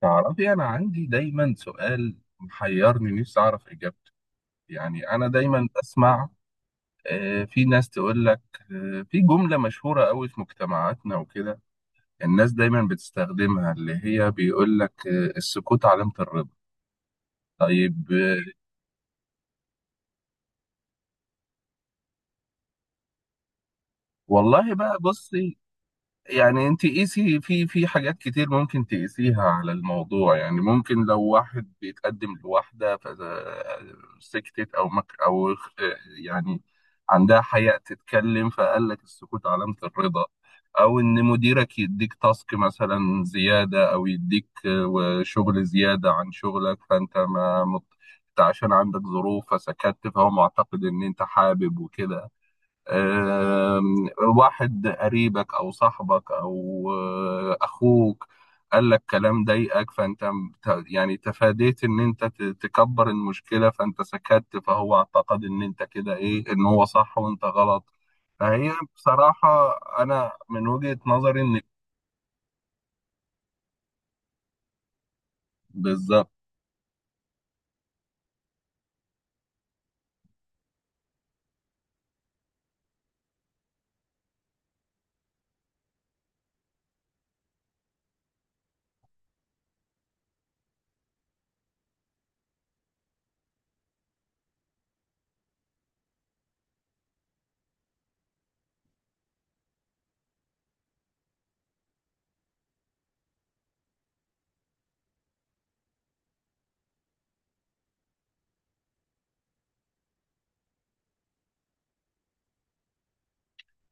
تعرفي، أنا عندي دايما سؤال محيرني نفسي أعرف إجابته. يعني أنا دايما بسمع في ناس تقول لك في جملة مشهورة قوي في مجتمعاتنا وكده. الناس دايما بتستخدمها اللي هي بيقول لك السكوت علامة الرضا. طيب، والله بقى بصي. يعني انت قيسي، في حاجات كتير ممكن تقيسيها على الموضوع. يعني ممكن لو واحد بيتقدم لواحدة فسكتت او مك او اخ- يعني عندها حياء تتكلم، فقال لك السكوت علامة الرضا. او ان مديرك يديك تاسك مثلا زيادة، او يديك شغل زيادة عن شغلك، فانت ما مت- انت عشان عندك ظروف فسكت، فهو معتقد ان انت حابب وكده. آم، واحد قريبك او صاحبك او اخوك قال لك كلام ضايقك، فانت يعني تفاديت ان انت تكبر المشكله، فانت سكت، فهو اعتقد ان انت كده ايه، ان هو صح وانت غلط. فهي بصراحه انا من وجهه نظري ان بالظبط.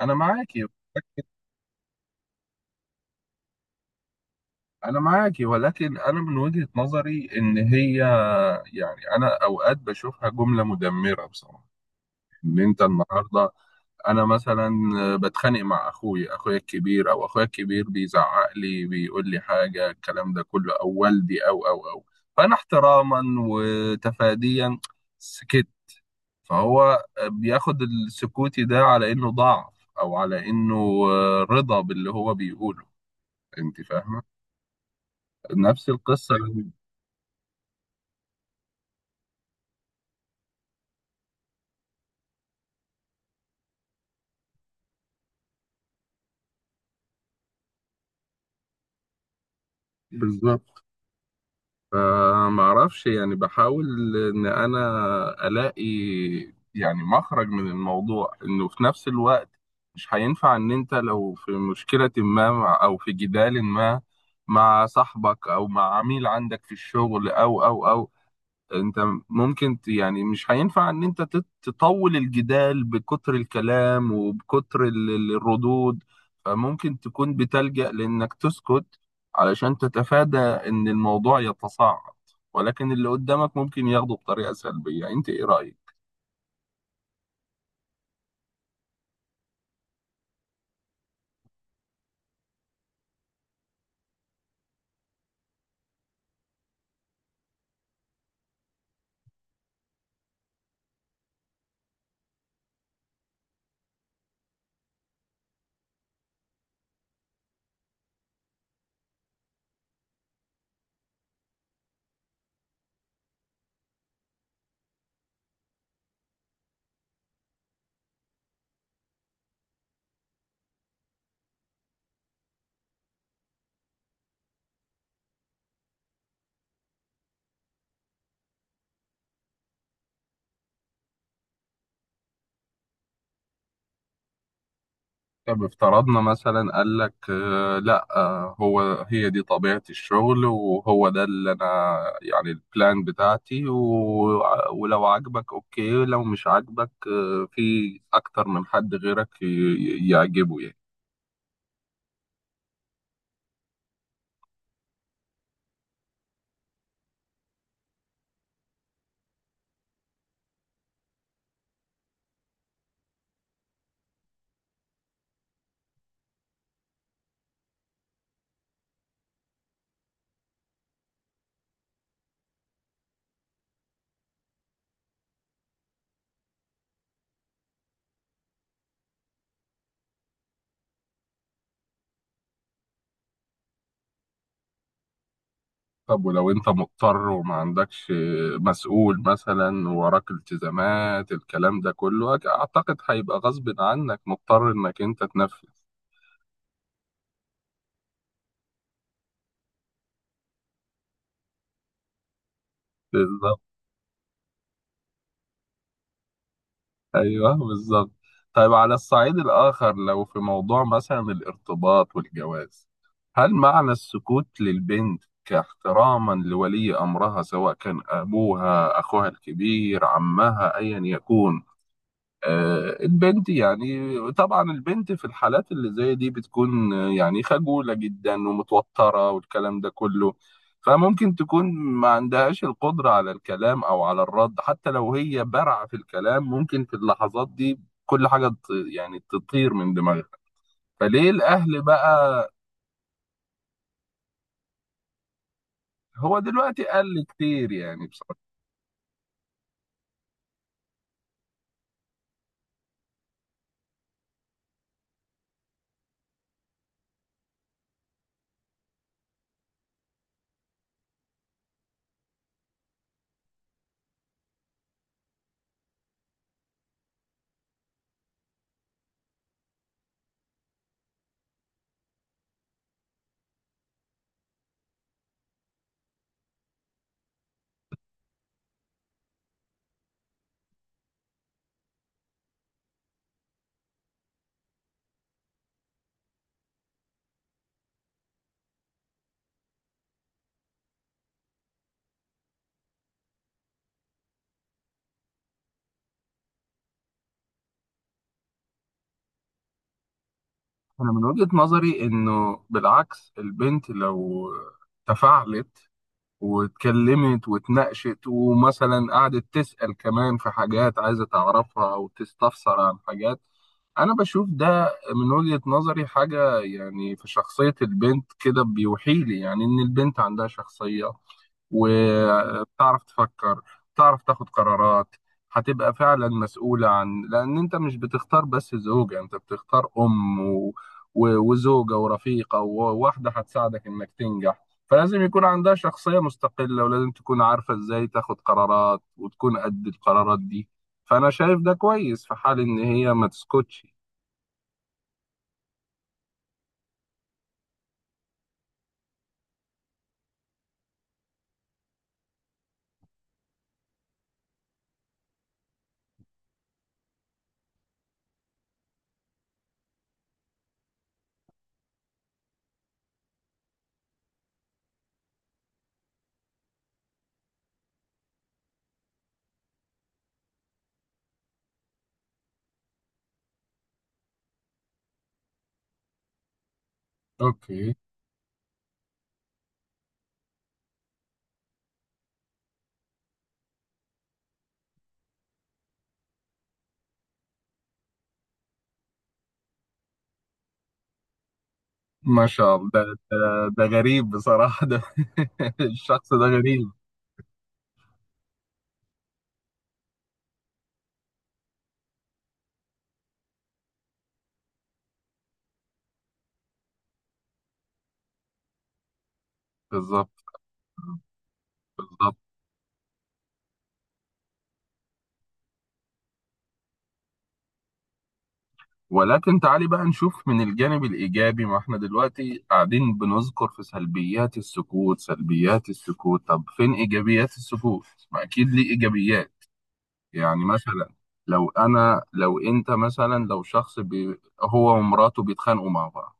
انا معاكي. انا معاكي، ولكن انا من وجهه نظري ان هي يعني انا اوقات بشوفها جمله مدمره بصراحه. ان انت النهارده، انا مثلا بتخانق مع اخويا الكبير، او اخويا الكبير بيزعق لي، بيقول لي حاجه الكلام ده كله، او والدي او فانا احتراما وتفاديا سكت. فهو بياخد السكوتي ده على انه ضعف، او على انه رضا باللي هو بيقوله. انت فاهمه؟ نفس القصه، بالظبط. فما اعرفش، يعني بحاول ان انا الاقي يعني مخرج من الموضوع، انه في نفس الوقت مش هينفع ان انت لو في مشكلة ما او في جدال ما مع صاحبك او مع عميل عندك في الشغل او انت ممكن يعني مش هينفع ان انت تطول الجدال بكتر الكلام وبكتر الردود. فممكن تكون بتلجأ لانك تسكت علشان تتفادى ان الموضوع يتصاعد. ولكن اللي قدامك ممكن ياخده بطريقة سلبية. انت ايه رأيك؟ طب افترضنا مثلا قال لك لا، هو هي دي طبيعة الشغل، وهو ده اللي انا يعني البلان بتاعتي، ولو عجبك اوكي، لو مش عجبك في اكتر من حد غيرك يعجبه يعني. طب ولو انت مضطر وما عندكش مسؤول مثلا، وراك التزامات الكلام ده كله، اعتقد هيبقى غصب عنك مضطر انك انت تنفذ. بالظبط. ايوه بالظبط. طيب على الصعيد الاخر، لو في موضوع مثلا الارتباط والجواز، هل معنى السكوت للبنت كاحتراما لولي امرها، سواء كان ابوها، اخوها الكبير، عمها، ايا يكون، البنت يعني طبعا البنت في الحالات اللي زي دي بتكون يعني خجولة جدا ومتوترة، والكلام ده كله. فممكن تكون ما عندهاش القدرة على الكلام أو على الرد، حتى لو هي بارعة في الكلام، ممكن في اللحظات دي كل حاجة يعني تطير من دماغها. فليه الأهل بقى؟ هو دلوقتي قل كتير يعني بصراحة. أنا من وجهة نظري إنه بالعكس، البنت لو تفاعلت واتكلمت واتناقشت ومثلا قعدت تسأل كمان في حاجات عايزة تعرفها أو تستفسر عن حاجات، أنا بشوف ده من وجهة نظري حاجة، يعني في شخصية البنت كده بيوحي لي يعني إن البنت عندها شخصية وبتعرف تفكر، بتعرف تاخد قرارات، هتبقى فعلا مسؤولة، عن لأن أنت مش بتختار بس زوجة، أنت بتختار أم وزوجة ورفيقة وواحدة هتساعدك إنك تنجح، فلازم يكون عندها شخصية مستقلة، ولازم تكون عارفة إزاي تاخد قرارات وتكون قد القرارات دي. فأنا شايف ده كويس في حال إن هي ما تسكتش. أوكي. ما شاء الله، ده غريب بصراحة ده. الشخص ده غريب. بالظبط. بالظبط. ولكن تعالي بقى نشوف من الجانب الإيجابي. ما احنا دلوقتي قاعدين بنذكر في سلبيات السكوت، سلبيات السكوت، طب فين إيجابيات السكوت؟ ما أكيد ليه إيجابيات. يعني مثلا لو أنا لو أنت مثلا، لو شخص بي هو ومراته بيتخانقوا مع بعض،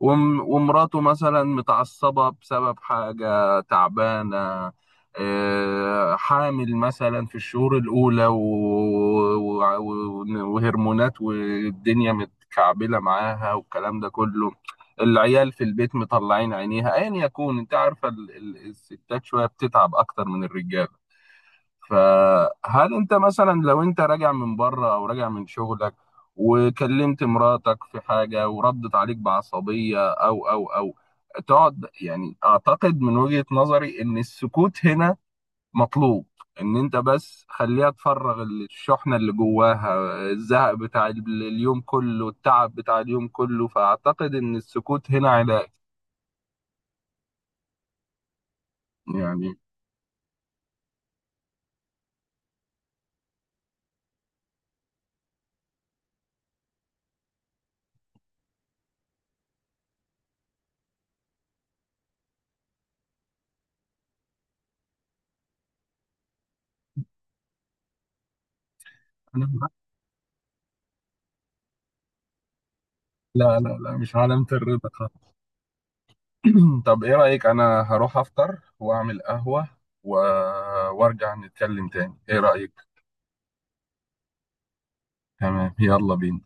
ومراته مثلا متعصبة بسبب حاجة تعبانة، حامل مثلا في الشهور الأولى، وهرمونات، والدنيا متكعبلة معاها، والكلام ده كله، العيال في البيت مطلعين عينيها، أيا يكون، أنت عارفة الستات شوية بتتعب أكتر من الرجالة. فهل انت مثلا لو انت راجع من بره او راجع من شغلك وكلمت مراتك في حاجة، وردت عليك بعصبية او تقعد، يعني اعتقد من وجهة نظري ان السكوت هنا مطلوب. ان انت بس خليها تفرغ الشحنة اللي جواها، الزهق بتاع اليوم كله، التعب بتاع اليوم كله، فاعتقد ان السكوت هنا علاج. يعني أنا- لا لا لا، مش علامة الرضا. طب ايه رأيك، انا هروح افطر واعمل قهوة و... وارجع نتكلم تاني، ايه رأيك؟ تمام، يلا بينا.